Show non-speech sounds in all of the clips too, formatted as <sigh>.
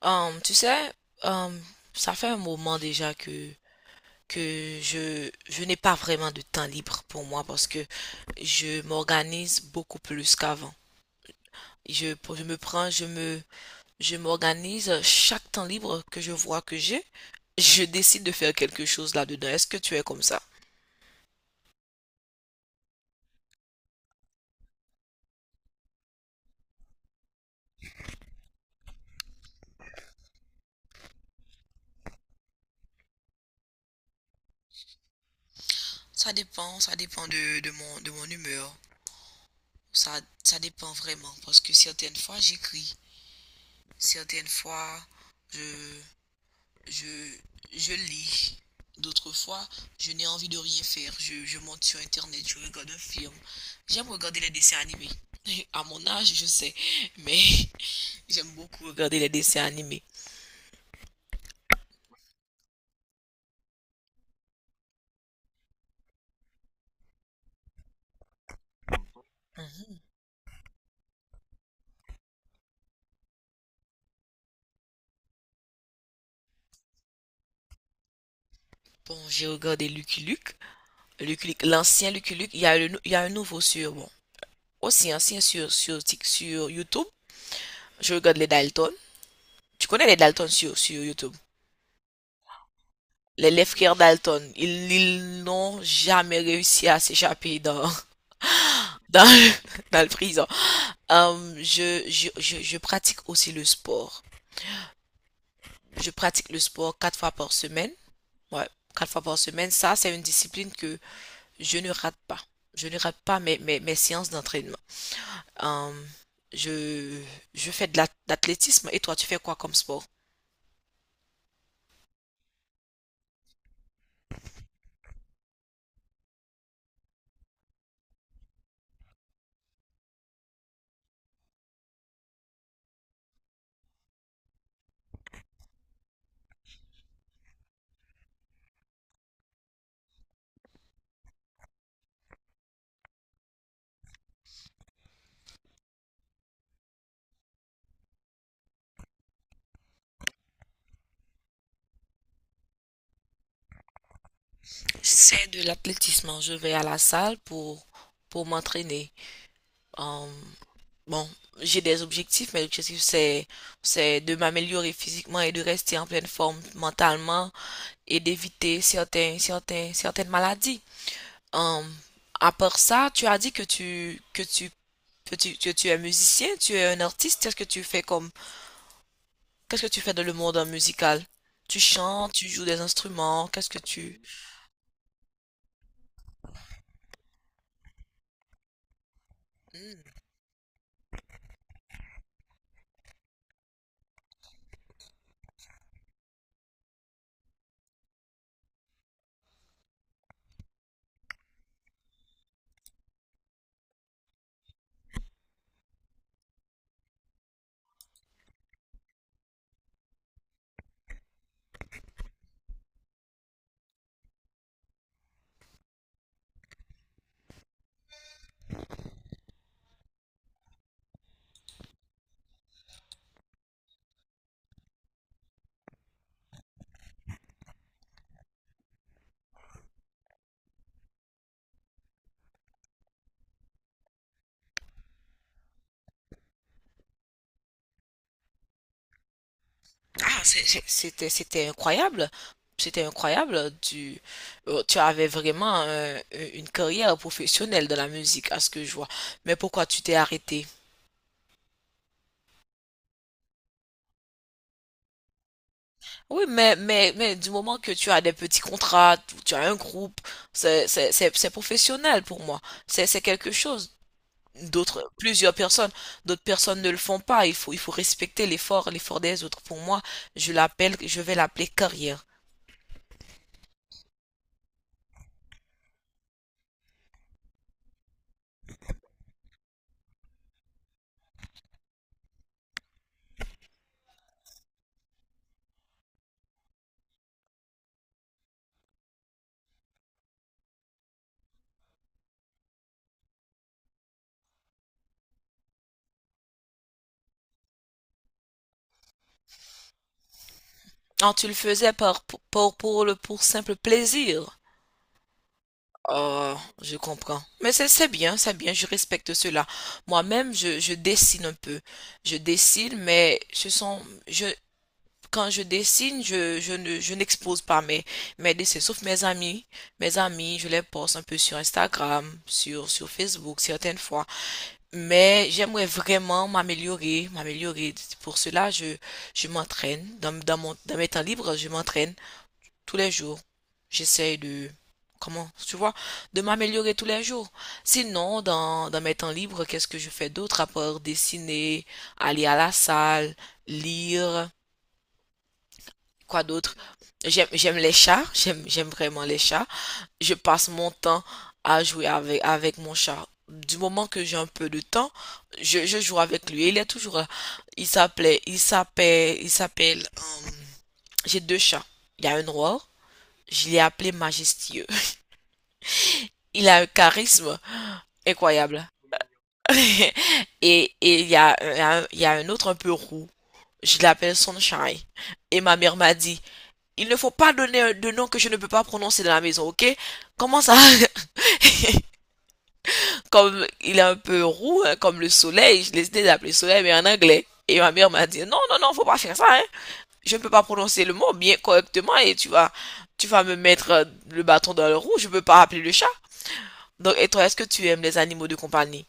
Hum, tu sais, hum, Ça fait un moment déjà que je n'ai pas vraiment de temps libre pour moi parce que je m'organise beaucoup plus qu'avant. Je me prends, je me, je m'organise chaque temps libre que je vois que j'ai, je décide de faire quelque chose là-dedans. Est-ce que tu es comme ça? Ça dépend de mon humeur. Ça dépend vraiment parce que certaines fois j'écris, certaines fois je, je, je lis. D'autres fois, je n'ai envie de rien faire. Je monte sur Internet, je regarde un film. J'aime regarder les dessins animés. <laughs> À mon âge, je sais, mais <laughs> j'aime beaucoup regarder les dessins animés. Mhm. Bon, j'ai regardé Lucky Luke, Lucky Luke, l'ancien Lucky Luke. Il y a il y a un nouveau sur, bon, aussi ancien sur YouTube. Je regarde les Dalton. Tu connais les Dalton sur YouTube? Les frères Dalton, ils n'ont jamais réussi à s'échapper dans, <laughs> dans le prison. Je pratique aussi le sport. Je pratique le sport quatre fois par semaine. Ouais, quatre fois par semaine. Ça, c'est une discipline que je ne rate pas. Je ne rate pas mes séances d'entraînement. Euh, je, je fais de l'athlétisme. Et toi, tu fais quoi comme sport? C'est de l'athlétisme. Je vais à la salle pour m'entraîner. Euh, Bon, j'ai des objectifs, mes objectifs c'est de m'améliorer physiquement et de rester en pleine forme mentalement et d'éviter certains certains certaines maladies. Hum, à part ça, tu as dit que tu es musicien, tu es un artiste. Qu'est-ce que tu fais dans le monde musical? Tu chantes, tu joues des instruments. Qu'est-ce que tu… C'était incroyable. C'était incroyable. Tu, euh, tu avais vraiment un- une carrière professionnelle dans la musique, à ce que je vois. Mais pourquoi tu t'es arrêté? Oui, mais du moment que tu as des petits contrats, tu as un groupe, c'est professionnel pour moi. C'est quelque chose. D'autres, plusieurs personnes, d'autres personnes ne le font pas. Il faut respecter l'effort des autres. Pour moi, je vais l'appeler carrière. Ah, tu le faisais par, pour le, pour simple plaisir. Oh, je comprends. Mais c'est bien, je respecte cela. Moi-même, je dessine un peu. Je dessine, mais ce sont, je, quand je dessine, je n'expose pas mes dessins, sauf mes amis. Mes amis, je les poste un peu sur Instagram, sur Facebook, certaines fois. Mais j'aimerais vraiment m'améliorer. Pour cela, je m'entraîne. Dans mes temps libres, je m'entraîne tous les jours. J'essaye de, comment, tu vois, de m'améliorer tous les jours. Sinon, dans mes temps libres, qu'est-ce que je fais d'autre à part dessiner, aller à la salle, lire, quoi d'autre? J'aime vraiment les chats. Je passe mon temps à jouer avec mon chat. Du moment que j'ai un peu de temps, je joue avec lui. Il est toujours là. Il s'appelait, il s'appelle, j'ai deux chats. Il y a un noir, je l'ai appelé Majestueux. Il a un charisme incroyable. <laughs> et et il y a, il y a un autre un peu roux. Je l'appelle Sunshine. Et ma mère m'a dit, il ne faut pas donner de nom que je ne peux pas prononcer dans la maison, ok? Comment ça? <laughs> Comme il est un peu roux, hein, comme le soleil, je l'ai décidé d'appeler soleil, mais en anglais. Et ma mère m'a dit, non, non, non, faut pas faire ça, hein. Je ne peux pas prononcer le mot bien correctement et tu vas me mettre le bâton dans le roux, je peux pas appeler le chat. Donc, et toi, est-ce que tu aimes les animaux de compagnie?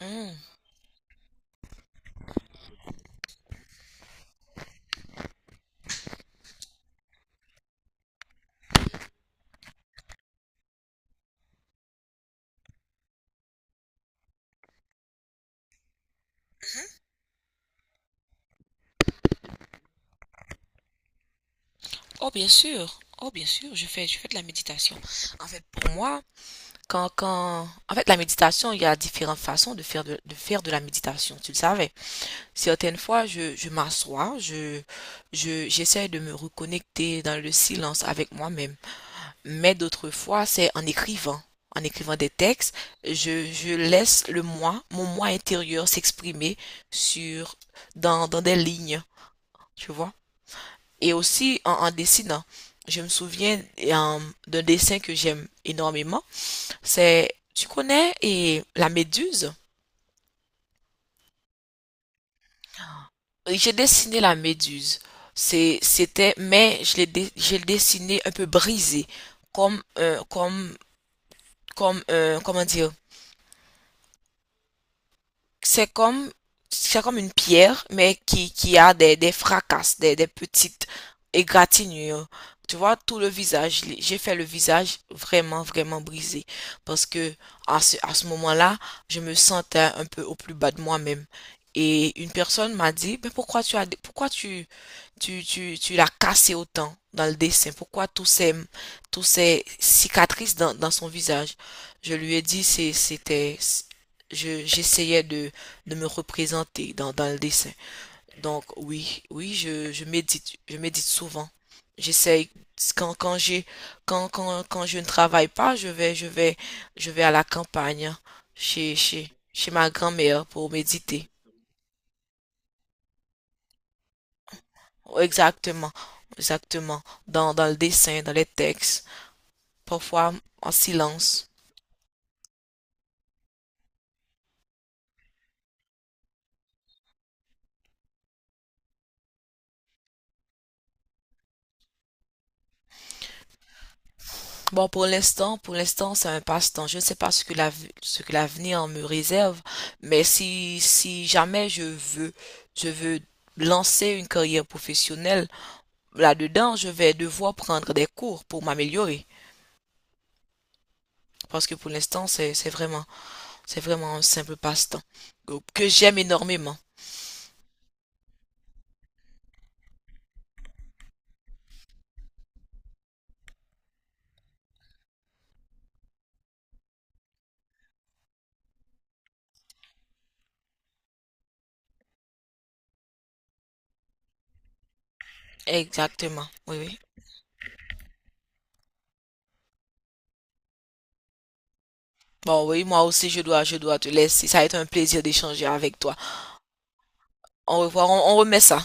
Hmm. Oh, bien sûr. Oh, bien sûr, je fais de la méditation. En fait, pour moi, en fait, la méditation, il y a différentes façons de faire de la méditation, tu le savais. Certaines fois, je m'assois, j'essaie de me reconnecter dans le silence avec moi-même. Mais d'autres fois, c'est en écrivant. En écrivant des textes, je laisse le moi, mon moi intérieur s'exprimer sur, dans des lignes, tu vois. Et aussi, en dessinant, je me souviens d'un dessin que j'aime énormément. C'est, tu connais, et la méduse. Oui, j'ai dessiné la méduse. Mais je l'ai, je l'ai dessiné un peu brisé, comme, un- comme, comment dire, c'est comme c'est comme une pierre, mais qui a des fracasses, des petites égratignures. Tu vois, tout le visage, j'ai fait le visage vraiment brisé. Parce que à ce moment-là, je me sentais un peu au plus bas de moi-même. Et une personne m'a dit, mais pourquoi tu l'as cassé autant dans le dessin? Pourquoi tous ces cicatrices dans son visage? Je lui ai dit, j'essayais de me représenter dans le dessin. Donc oui, oui, je médite souvent. J'essaye quand quand j'ai quand, quand quand je ne travaille pas, je vais à la campagne hein, chez ma grand-mère pour méditer. Exactement, exactement dans le dessin, dans les textes, parfois en silence. Bon, pour l'instant, c'est un passe-temps. Je ne sais pas ce que l'avenir me réserve, mais si, si jamais je veux lancer une carrière professionnelle là-dedans, je vais devoir prendre des cours pour m'améliorer. Parce que pour l'instant, c'est vraiment un simple passe-temps que j'aime énormément. Exactement. Oui, oui. Bon, oui, moi aussi, je dois te laisser. Ça a été un plaisir d'échanger avec toi. Au revoir, on remet ça.